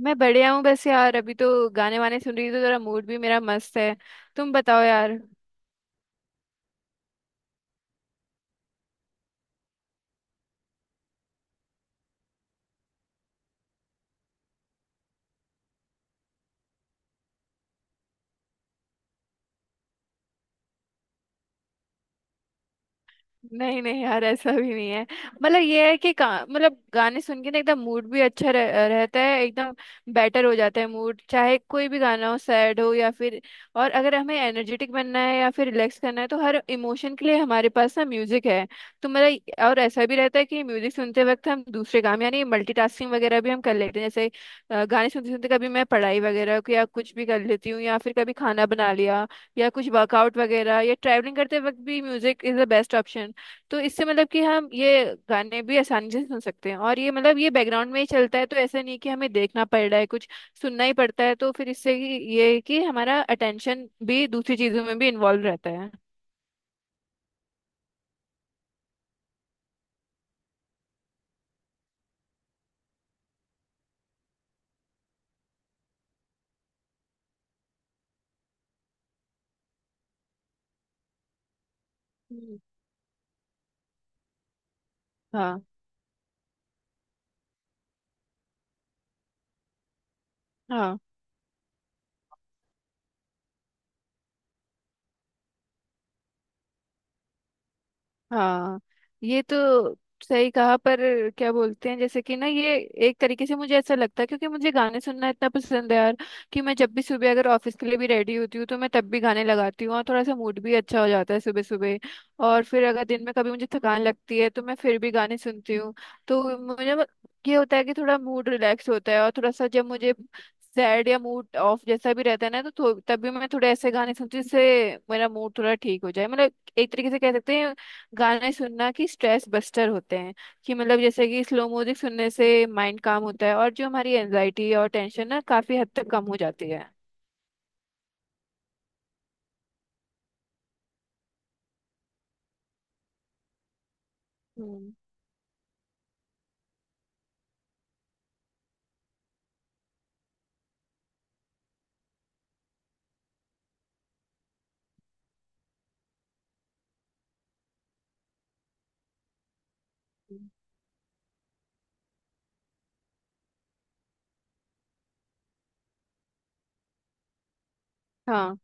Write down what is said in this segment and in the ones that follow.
मैं बढ़िया हूँ बस यार अभी तो गाने वाने सुन रही थी, तो जरा मूड भी मेरा मस्त है। तुम बताओ यार। नहीं नहीं यार, ऐसा भी नहीं है। मतलब ये है कि मतलब गाने सुन के ना एकदम मूड भी अच्छा रहता है, एकदम बेटर हो जाता है मूड, चाहे कोई भी गाना हो, सैड हो या फिर। और अगर हमें एनर्जेटिक बनना है या फिर रिलैक्स करना है, तो हर इमोशन के लिए हमारे पास ना म्यूजिक है। तो मतलब और ऐसा भी रहता है कि म्यूजिक सुनते वक्त हम दूसरे काम, यानी मल्टीटास्किंग वगैरह भी हम कर लेते हैं, जैसे गाने सुनते सुनते कभी मैं पढ़ाई वगैरह को या कुछ भी कर लेती हूँ, या फिर कभी खाना बना लिया, या कुछ वर्कआउट वगैरह या ट्रैवलिंग करते वक्त भी music is the best option. तो इससे मतलब कि हम ये गाने भी आसानी से सुन सकते हैं, और ये मतलब ये बैकग्राउंड में ही चलता है, तो ऐसा नहीं कि हमें देखना पड़ रहा है कुछ, सुनना ही पड़ता है। तो फिर इससे कि ये है कि हमारा अटेंशन भी दूसरी चीजों में भी इन्वॉल्व रहता है। हम्म, हाँ, हाँ, हाँ। ये तो सही कहा, पर क्या बोलते हैं जैसे कि ना ये एक तरीके से मुझे ऐसा लगता है, क्योंकि मुझे गाने सुनना इतना पसंद है यार, कि मैं जब भी सुबह अगर ऑफिस के लिए भी रेडी होती हूँ तो मैं तब भी गाने लगाती हूँ, और थोड़ा सा मूड भी अच्छा हो जाता है सुबह सुबह। और फिर अगर दिन में कभी मुझे थकान लगती है तो मैं फिर भी गाने सुनती हूँ। तो मुझे ये होता है कि थोड़ा मूड रिलैक्स होता है, और थोड़ा सा जब मुझे सैड या मूड ऑफ जैसा भी रहता है ना, तो तब भी मैं थोड़े ऐसे गाने सुनती हूँ जिससे मेरा मूड थोड़ा ठीक हो जाए। मतलब एक तरीके से कह सकते हैं, गाने सुनना कि स्ट्रेस बस्टर होते हैं। कि मतलब जैसे कि स्लो म्यूजिक सुनने से माइंड काम होता है, और जो हमारी एनजाइटी और टेंशन ना काफी हद तक कम हो जाती है। हम्म। हम्म। हाँ।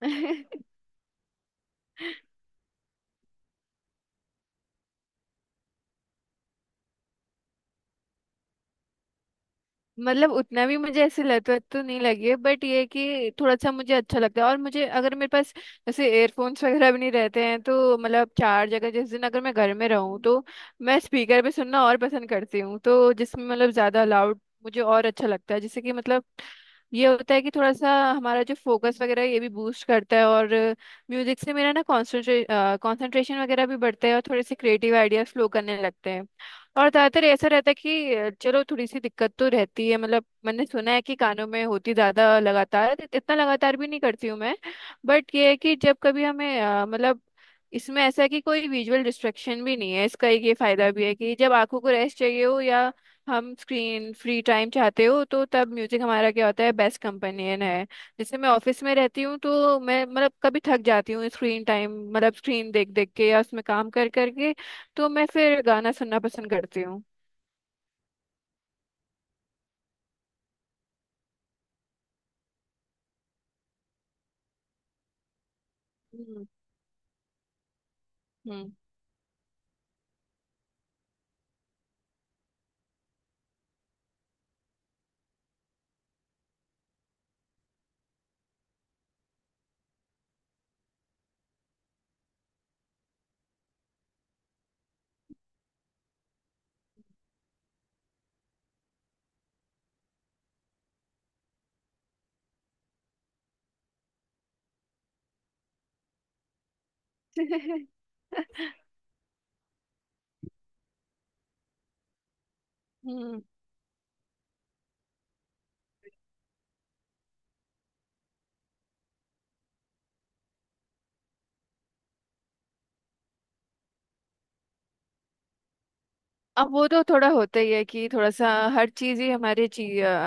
मतलब उतना भी मुझे ऐसी लत वत तो नहीं लगी है, बट ये है कि थोड़ा सा मुझे अच्छा लगता है, और मुझे अगर मेरे पास जैसे एयरफोन्स वगैरह भी नहीं रहते हैं तो मतलब चार जगह, जिस दिन अगर मैं घर में रहूँ तो मैं स्पीकर पे सुनना और पसंद करती हूँ, तो जिसमें मतलब ज़्यादा लाउड मुझे और अच्छा लगता है। जैसे कि मतलब ये होता है कि थोड़ा सा हमारा जो फोकस वगैरह है, ये भी बूस्ट करता है। और म्यूजिक से मेरा ना कॉन्सेंट्रेशन वगैरह भी बढ़ता है, और थोड़े से क्रिएटिव आइडियाज फ्लो करने लगते हैं। और ज्यादातर ऐसा रहता है कि चलो थोड़ी सी दिक्कत तो रहती है, मतलब मैंने सुना है कि कानों में होती ज्यादा लगातार, इतना लगातार भी नहीं करती हूँ मैं। बट ये है कि जब कभी हमें मतलब इसमें ऐसा है कि कोई विजुअल डिस्ट्रैक्शन भी नहीं है, इसका एक ये फायदा भी है कि जब आंखों को रेस्ट चाहिए हो, या हम स्क्रीन फ्री टाइम चाहते हो तो तब म्यूजिक हमारा क्या होता है, बेस्ट कंपेनियन है। जैसे मैं ऑफिस में रहती हूँ तो मैं मतलब कभी थक जाती हूँ स्क्रीन टाइम, मतलब स्क्रीन देख देख के या उसमें काम कर करके, तो मैं फिर गाना सुनना पसंद करती हूँ। हम्म। हम्म। हम्म। अब वो तो थोड़ा होता ही है कि थोड़ा सा हर चीज ही हमारे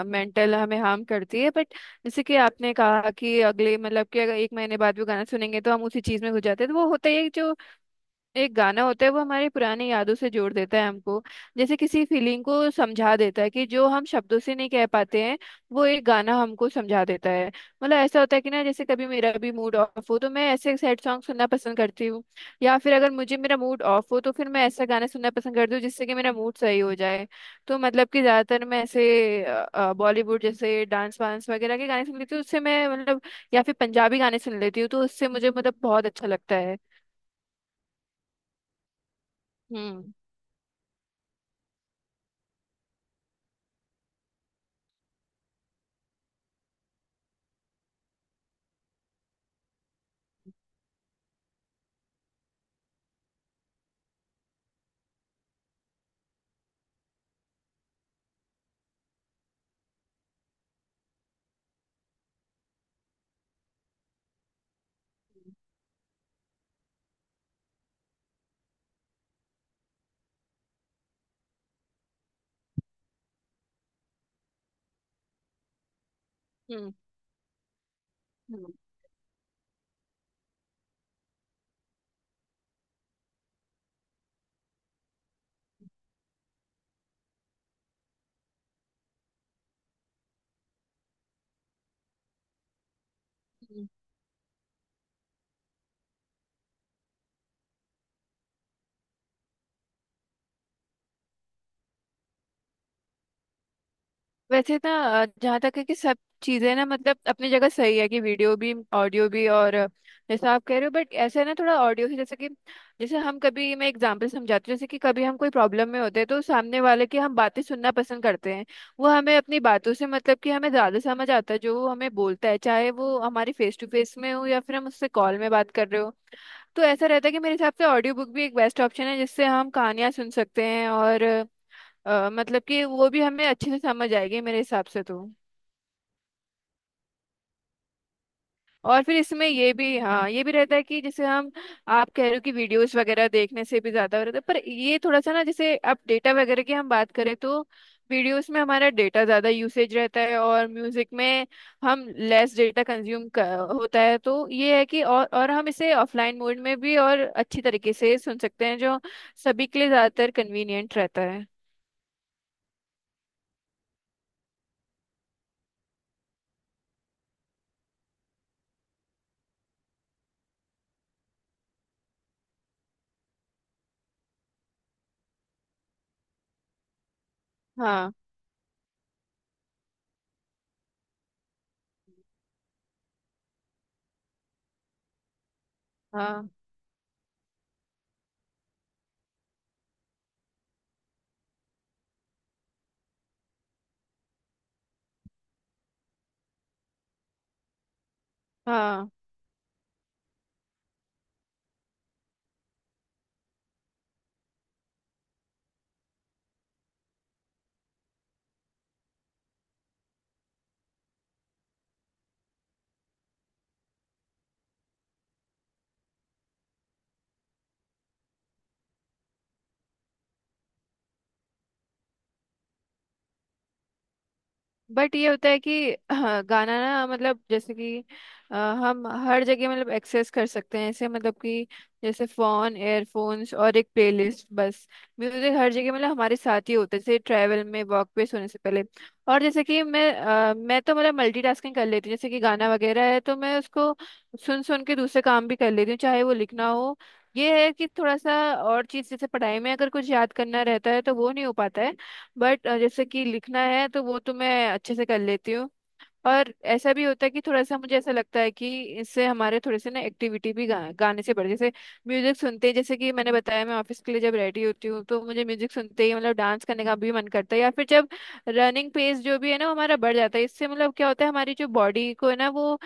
मेंटल हमें हार्म करती है, बट जैसे कि आपने कहा कि अगले मतलब कि अगर एक महीने बाद भी गाना सुनेंगे तो हम उसी चीज में घुस जाते हैं, तो वो होता ही है। जो एक गाना होता है वो हमारी पुरानी यादों से जोड़ देता है हमको, जैसे किसी फीलिंग को समझा देता है कि जो हम शब्दों से नहीं कह पाते हैं, वो एक गाना हमको समझा देता है। मतलब ऐसा होता है कि ना जैसे कभी मेरा भी मूड ऑफ हो तो मैं ऐसे सैड सॉन्ग सुनना पसंद करती हूँ, या फिर अगर मुझे मेरा मूड ऑफ हो तो फिर मैं ऐसा गाना सुनना पसंद करती हूँ जिससे कि मेरा मूड सही हो जाए। तो मतलब कि ज्यादातर मैं ऐसे बॉलीवुड जैसे डांस वांस वगैरह के गाने सुन लेती हूँ, उससे मैं मतलब, या फिर पंजाबी गाने सुन लेती हूँ, तो उससे मुझे मतलब बहुत अच्छा लगता है। हम्म। हम्म। हम्म। हम्म। वैसे ना जहाँ तक है कि सब चीज़ें ना मतलब अपनी जगह सही है, कि वीडियो भी ऑडियो भी और जैसा आप कह रहे हो, बट ऐसा है ना थोड़ा ऑडियो से, जैसे कि जैसे हम कभी, मैं एग्जांपल समझाती हूँ, जैसे कि कभी हम कोई प्रॉब्लम में होते हैं तो सामने वाले की हम बातें सुनना पसंद करते हैं। वो हमें अपनी बातों से मतलब कि हमें ज़्यादा समझ आता है जो वो हमें बोलता है, चाहे वो हमारी फेस टू फेस में हो या फिर हम उससे कॉल में बात कर रहे हो। तो ऐसा रहता है कि मेरे हिसाब से ऑडियो बुक भी एक बेस्ट ऑप्शन है, जिससे हम कहानियाँ सुन सकते हैं, और मतलब कि वो भी हमें अच्छे से समझ आएगी मेरे हिसाब से तो। और फिर इसमें ये भी, हाँ, ये भी रहता है कि जैसे हम, आप कह रहे हो कि वीडियोस वगैरह देखने से भी ज्यादा हो रहा था, पर ये थोड़ा सा ना जैसे अब डेटा वगैरह की हम बात करें तो वीडियोस में हमारा डेटा ज्यादा यूसेज रहता है, और म्यूजिक में हम लेस डेटा कंज्यूम होता है। तो ये है कि और हम इसे ऑफलाइन मोड में भी और अच्छी तरीके से सुन सकते हैं, जो सभी के लिए ज्यादातर कन्वीनियंट रहता है। हाँ, हाँ, हाँ। बट ये होता है कि हाँ, गाना ना मतलब जैसे कि अ, हम हर जगह मतलब एक्सेस कर सकते हैं ऐसे, मतलब कि जैसे फोन, एयरफोन्स और एक प्लेलिस्ट बस, म्यूजिक हर जगह मतलब हमारे साथ ही होता है, जैसे ट्रैवल में, वॉक पे, सोने से पहले। और जैसे कि मैं मैं तो मतलब मल्टीटास्किंग कर लेती हूँ, जैसे कि गाना वगैरह है तो मैं उसको सुन सुन के दूसरे काम भी कर लेती हूँ, चाहे वो लिखना हो। ये है कि थोड़ा सा और चीज़, जैसे पढ़ाई में अगर कुछ याद करना रहता है तो वो नहीं हो पाता है, बट जैसे कि लिखना है तो वो तो मैं अच्छे से कर लेती हूँ। और ऐसा भी होता है कि थोड़ा सा मुझे ऐसा लगता है कि इससे हमारे थोड़े से ना एक्टिविटी भी गाने से बढ़, जैसे म्यूजिक सुनते ही, जैसे कि मैंने बताया मैं ऑफिस के लिए जब रेडी होती हूँ तो मुझे म्यूजिक सुनते ही मतलब डांस करने का भी मन करता है, या फिर जब रनिंग पेस जो भी है ना वो हमारा बढ़ जाता है। इससे मतलब क्या होता है, हमारी जो बॉडी को है ना वो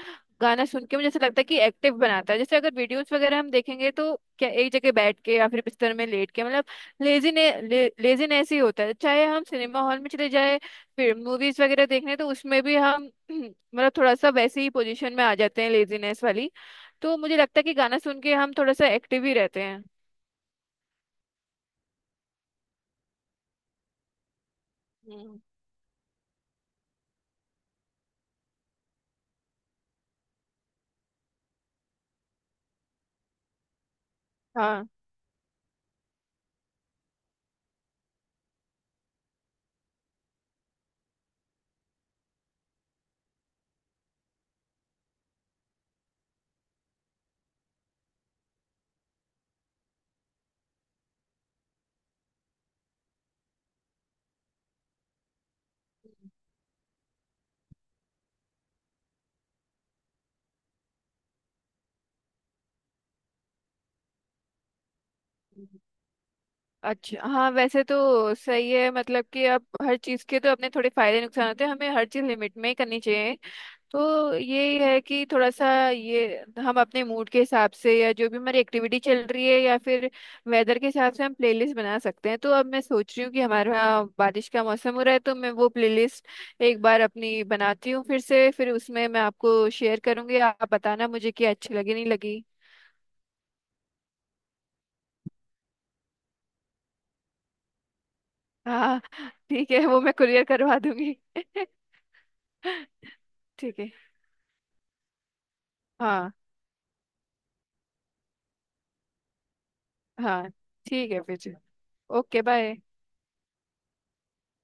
गाना सुन के मुझे ऐसा लगता है कि एक्टिव बनाता है। जैसे अगर वीडियोस वगैरह हम देखेंगे तो क्या एक जगह बैठ के या फिर बिस्तर में लेट के, मतलब लेजीनेस ही होता है, चाहे हम सिनेमा हॉल में चले जाए फिर मूवीज वगैरह देखने, तो उसमें भी हम मतलब थोड़ा सा वैसे ही पोजीशन में आ जाते हैं लेजीनेस वाली। तो मुझे लगता है कि गाना सुन के हम थोड़ा सा एक्टिव ही रहते हैं। हम्म, हाँ। अच्छा, हाँ, वैसे तो सही है, मतलब कि अब हर चीज़ के तो अपने थोड़े फायदे नुकसान होते हैं, हमें हर चीज़ लिमिट में ही करनी चाहिए। तो यही है कि थोड़ा सा ये हम अपने मूड के हिसाब से, या जो भी हमारी एक्टिविटी चल रही है, या फिर वेदर के हिसाब से हम प्लेलिस्ट बना सकते हैं। तो अब मैं सोच रही हूँ कि हमारे यहाँ बारिश का मौसम हो रहा है, तो मैं वो प्लेलिस्ट एक बार अपनी बनाती हूँ फिर से, फिर उसमें मैं आपको शेयर करूँगी, आप बताना मुझे कि अच्छी लगी नहीं लगी। हाँ, ठीक है, वो मैं कुरियर करवा दूंगी। ठीक है। हाँ, हाँ, ठीक है फिर। Okay, bye.